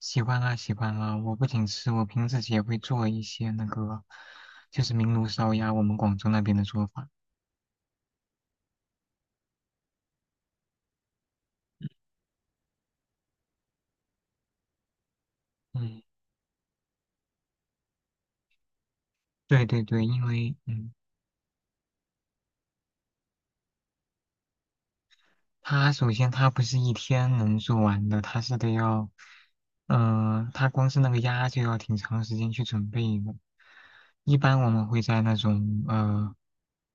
喜欢啊，喜欢啊！我不仅吃，我平时也会做一些那个，就是明炉烧鸭，我们广州那边的做法。嗯，对对对，因为它首先它不是一天能做完的，它是得要，它光是那个鸭就要挺长时间去准备的。一般我们会在那种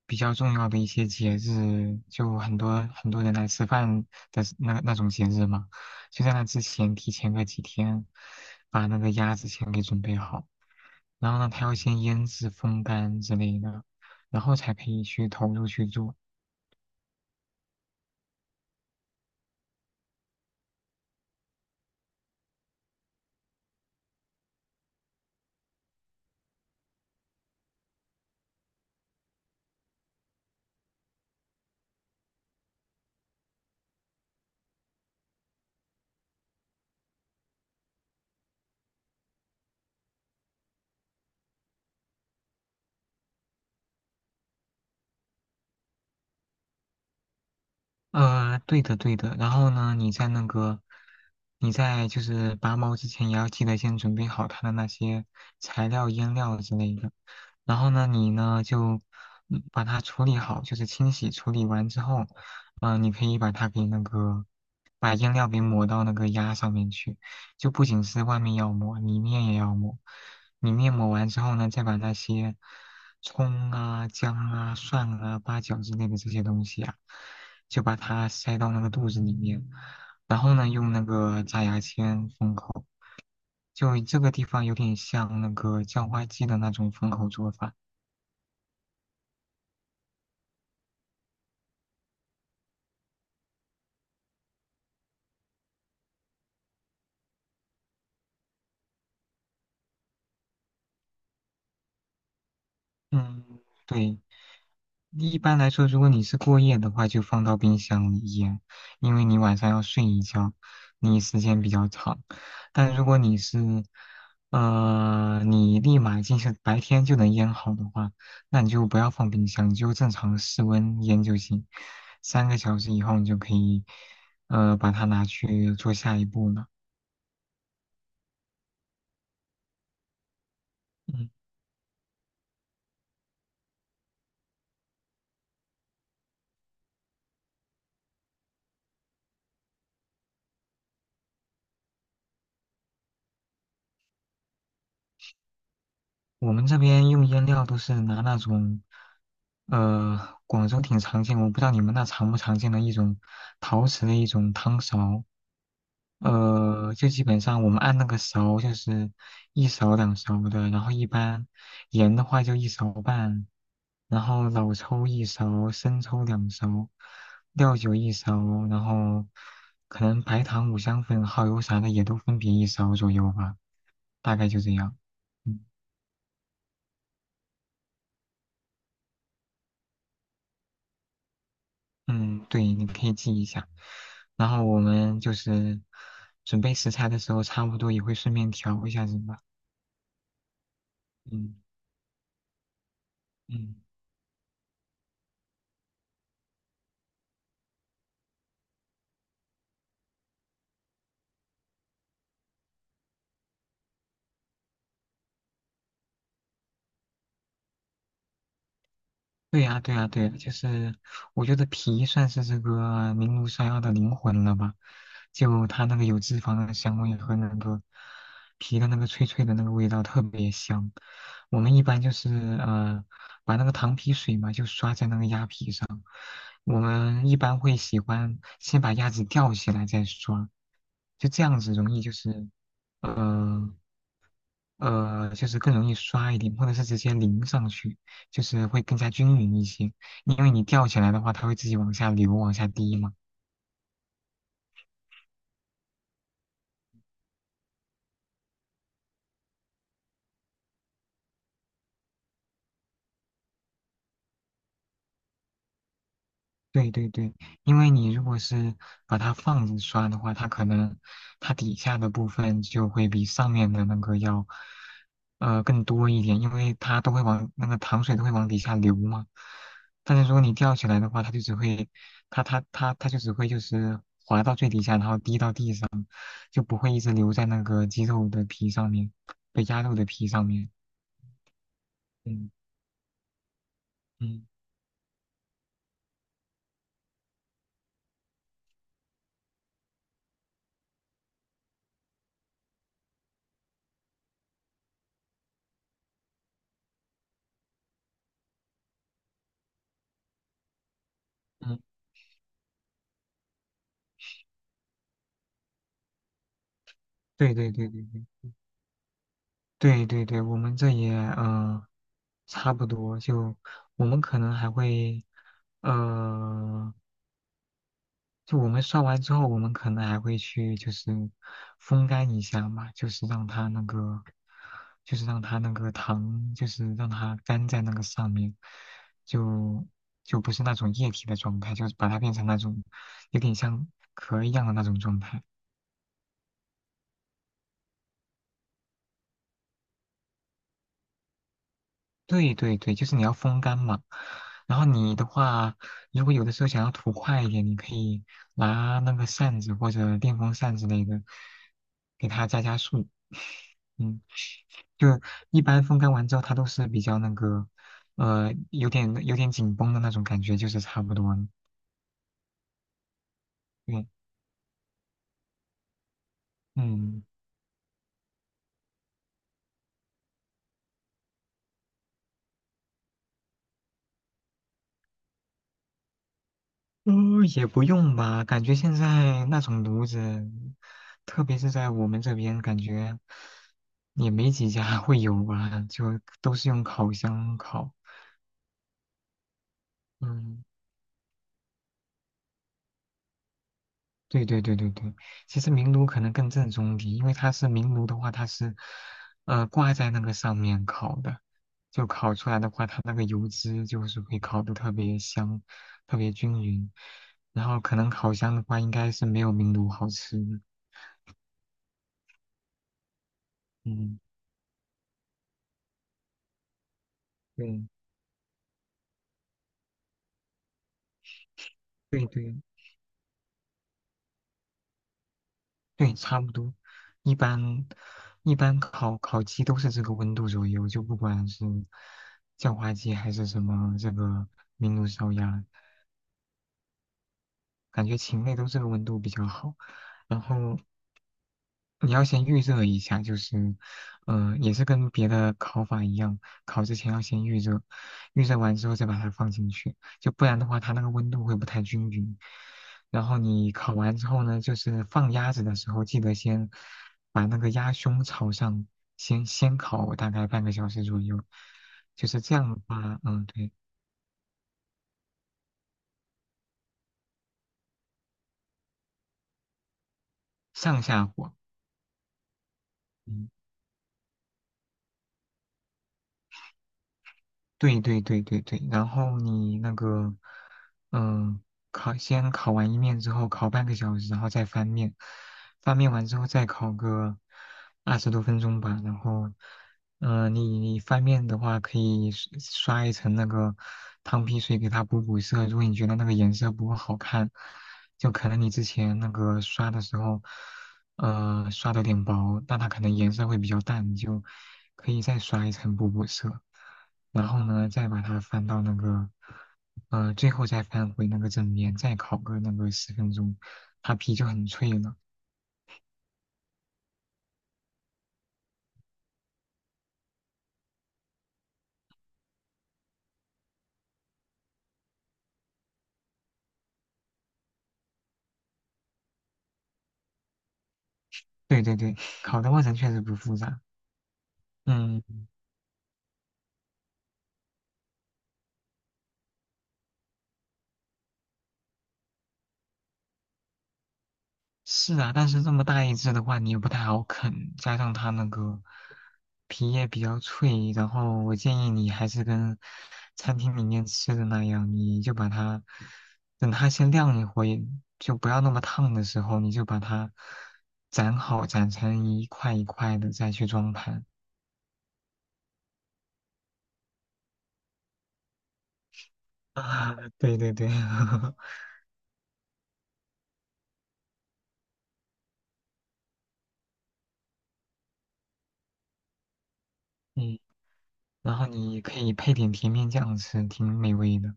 比较重要的一些节日，就很多很多人来吃饭的那种节日嘛，就在那之前提前个几天，把那个鸭子先给准备好，然后呢，它要先腌制、风干之类的，然后才可以去投入去做。对的，对的。然后呢，你在就是拔毛之前，也要记得先准备好它的那些材料、腌料之类的。然后呢，你呢就把它处理好，就是清洗处理完之后，嗯，你可以把它给那个，把腌料给抹到那个鸭上面去，就不仅是外面要抹，里面也要抹。里面抹完之后呢，再把那些葱啊、姜啊、蒜啊、八角之类的这些东西啊。就把它塞到那个肚子里面，然后呢，用那个扎牙签封口，就这个地方有点像那个叫花鸡的那种封口做法。嗯，对，一般来说，如果你是过夜的话，就放到冰箱里腌，因为你晚上要睡一觉，你时间比较长。但如果你是，呃，你立马进行白天就能腌好的话，那你就不要放冰箱，你就正常室温腌就行。3个小时以后，你就可以，把它拿去做下一步了。嗯。我们这边用腌料都是拿那种，广州挺常见，我不知道你们那常不常见的一种陶瓷的一种汤勺，就基本上我们按那个勺就是1勺2勺的，然后一般盐的话就1勺半，然后老抽一勺，生抽两勺，料酒一勺，然后可能白糖、五香粉、耗油啥的也都分别一勺左右吧，大概就这样。嗯嗯，对，你可以记一下。然后我们就是准备食材的时候，差不多也会顺便调一下什么。嗯嗯，对呀对呀对呀，就是我觉得皮算是这个明炉山药的灵魂了吧，就它那个有脂肪的香味和那个皮的那个脆脆的那个味道特别香。我们一般就是呃把那个糖皮水嘛，就刷在那个鸭皮上。我们一般会喜欢先把鸭子吊起来再刷。就这样子容易就是，呃呃，就是更容易刷一点，或者是直接淋上去，就是会更加均匀一些。因为你吊起来的话，它会自己往下流、往下滴嘛。对对对，因为你如果是把它放着刷的话，它可能它底下的部分就会比上面的那个要，更多一点，因为它都会往那个糖水都会往底下流嘛。但是如果你吊起来的话，它就只会，就是滴到地上。就不会一直留在那个鸡肉的皮上面，被鸭肉的皮上面。嗯嗯嗯，对对对对对对对对，我们这也差不多，就我们可能还会呃就我们刷完之后，我们可能还会去就是风干一下嘛，就是让它那个，就是让它那个糖，就是让它干在那个上面，就就不是那种液体的状态，就是把它变成那种有点像壳一样的那种状态。对对对，就是你要风干嘛。然后你的话，如果有的时候想要涂快一点，你可以拿那个扇子或者电风扇之类的，给它加加速。嗯。就一般风干完之后，它都是比较那个，有点紧绷的那种感觉，就是差不多了。对，嗯，呃，也不用吧，感觉现在那种炉子，特别是在我们这边，感觉也没几家会有吧，就都是用烤箱烤。嗯。对对对对对，其实明炉可能更正宗一点，因为它是明炉的话，它是挂在那个上面烤的，就烤出来的话，它那个油脂就是会烤的特别香，特别均匀。然后可能烤箱的话，应该是没有明炉好吃的嗯，对对对对，差不多。一般一般烤鸡都是这个温度左右，就不管是叫花鸡还是什么这个明炉烧鸭。感觉禽类都这个温度比较好。然后你要先预热一下，就是，也是跟别的烤法一样，烤之前要先预热，预热完之后再把它放进去，就不然的话它那个温度会不太均匀。然后你烤完之后呢，就是放鸭子的时候，记得先把那个鸭胸朝上，先烤大概半个小时左右，就是这样的话，嗯，对，上下火，嗯。对对对对对，然后你那个，嗯、先烤完一面之后，烤半个小时，然后再翻面，翻面完之后再烤个20多分钟吧。然后，你翻面的话，可以刷刷一层那个汤皮水给它补补色。如果你觉得那个颜色不够好看，就可能你之前那个刷的时候，刷的有点薄，但它可能颜色会比较淡，你就可以再刷一层补补色。然后呢，再把它翻到那个，最后再翻回那个正面，再烤个那个10分钟，它皮就很脆了。对对对，烤的过程确实不复杂。嗯。是啊，但是这么大一只的话，你也不太好啃，加上它那个皮也比较脆，然后我建议你还是跟餐厅里面吃的那样，你就把它等它先晾一会，就不要那么烫的时候，你就把它斩好，斩成一块一块的再去装盘。啊，对对对，嗯，然后你可以配点甜面酱吃，挺美味的。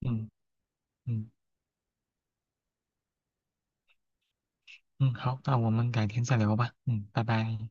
嗯嗯嗯，好，那我们改天再聊吧。嗯，拜拜。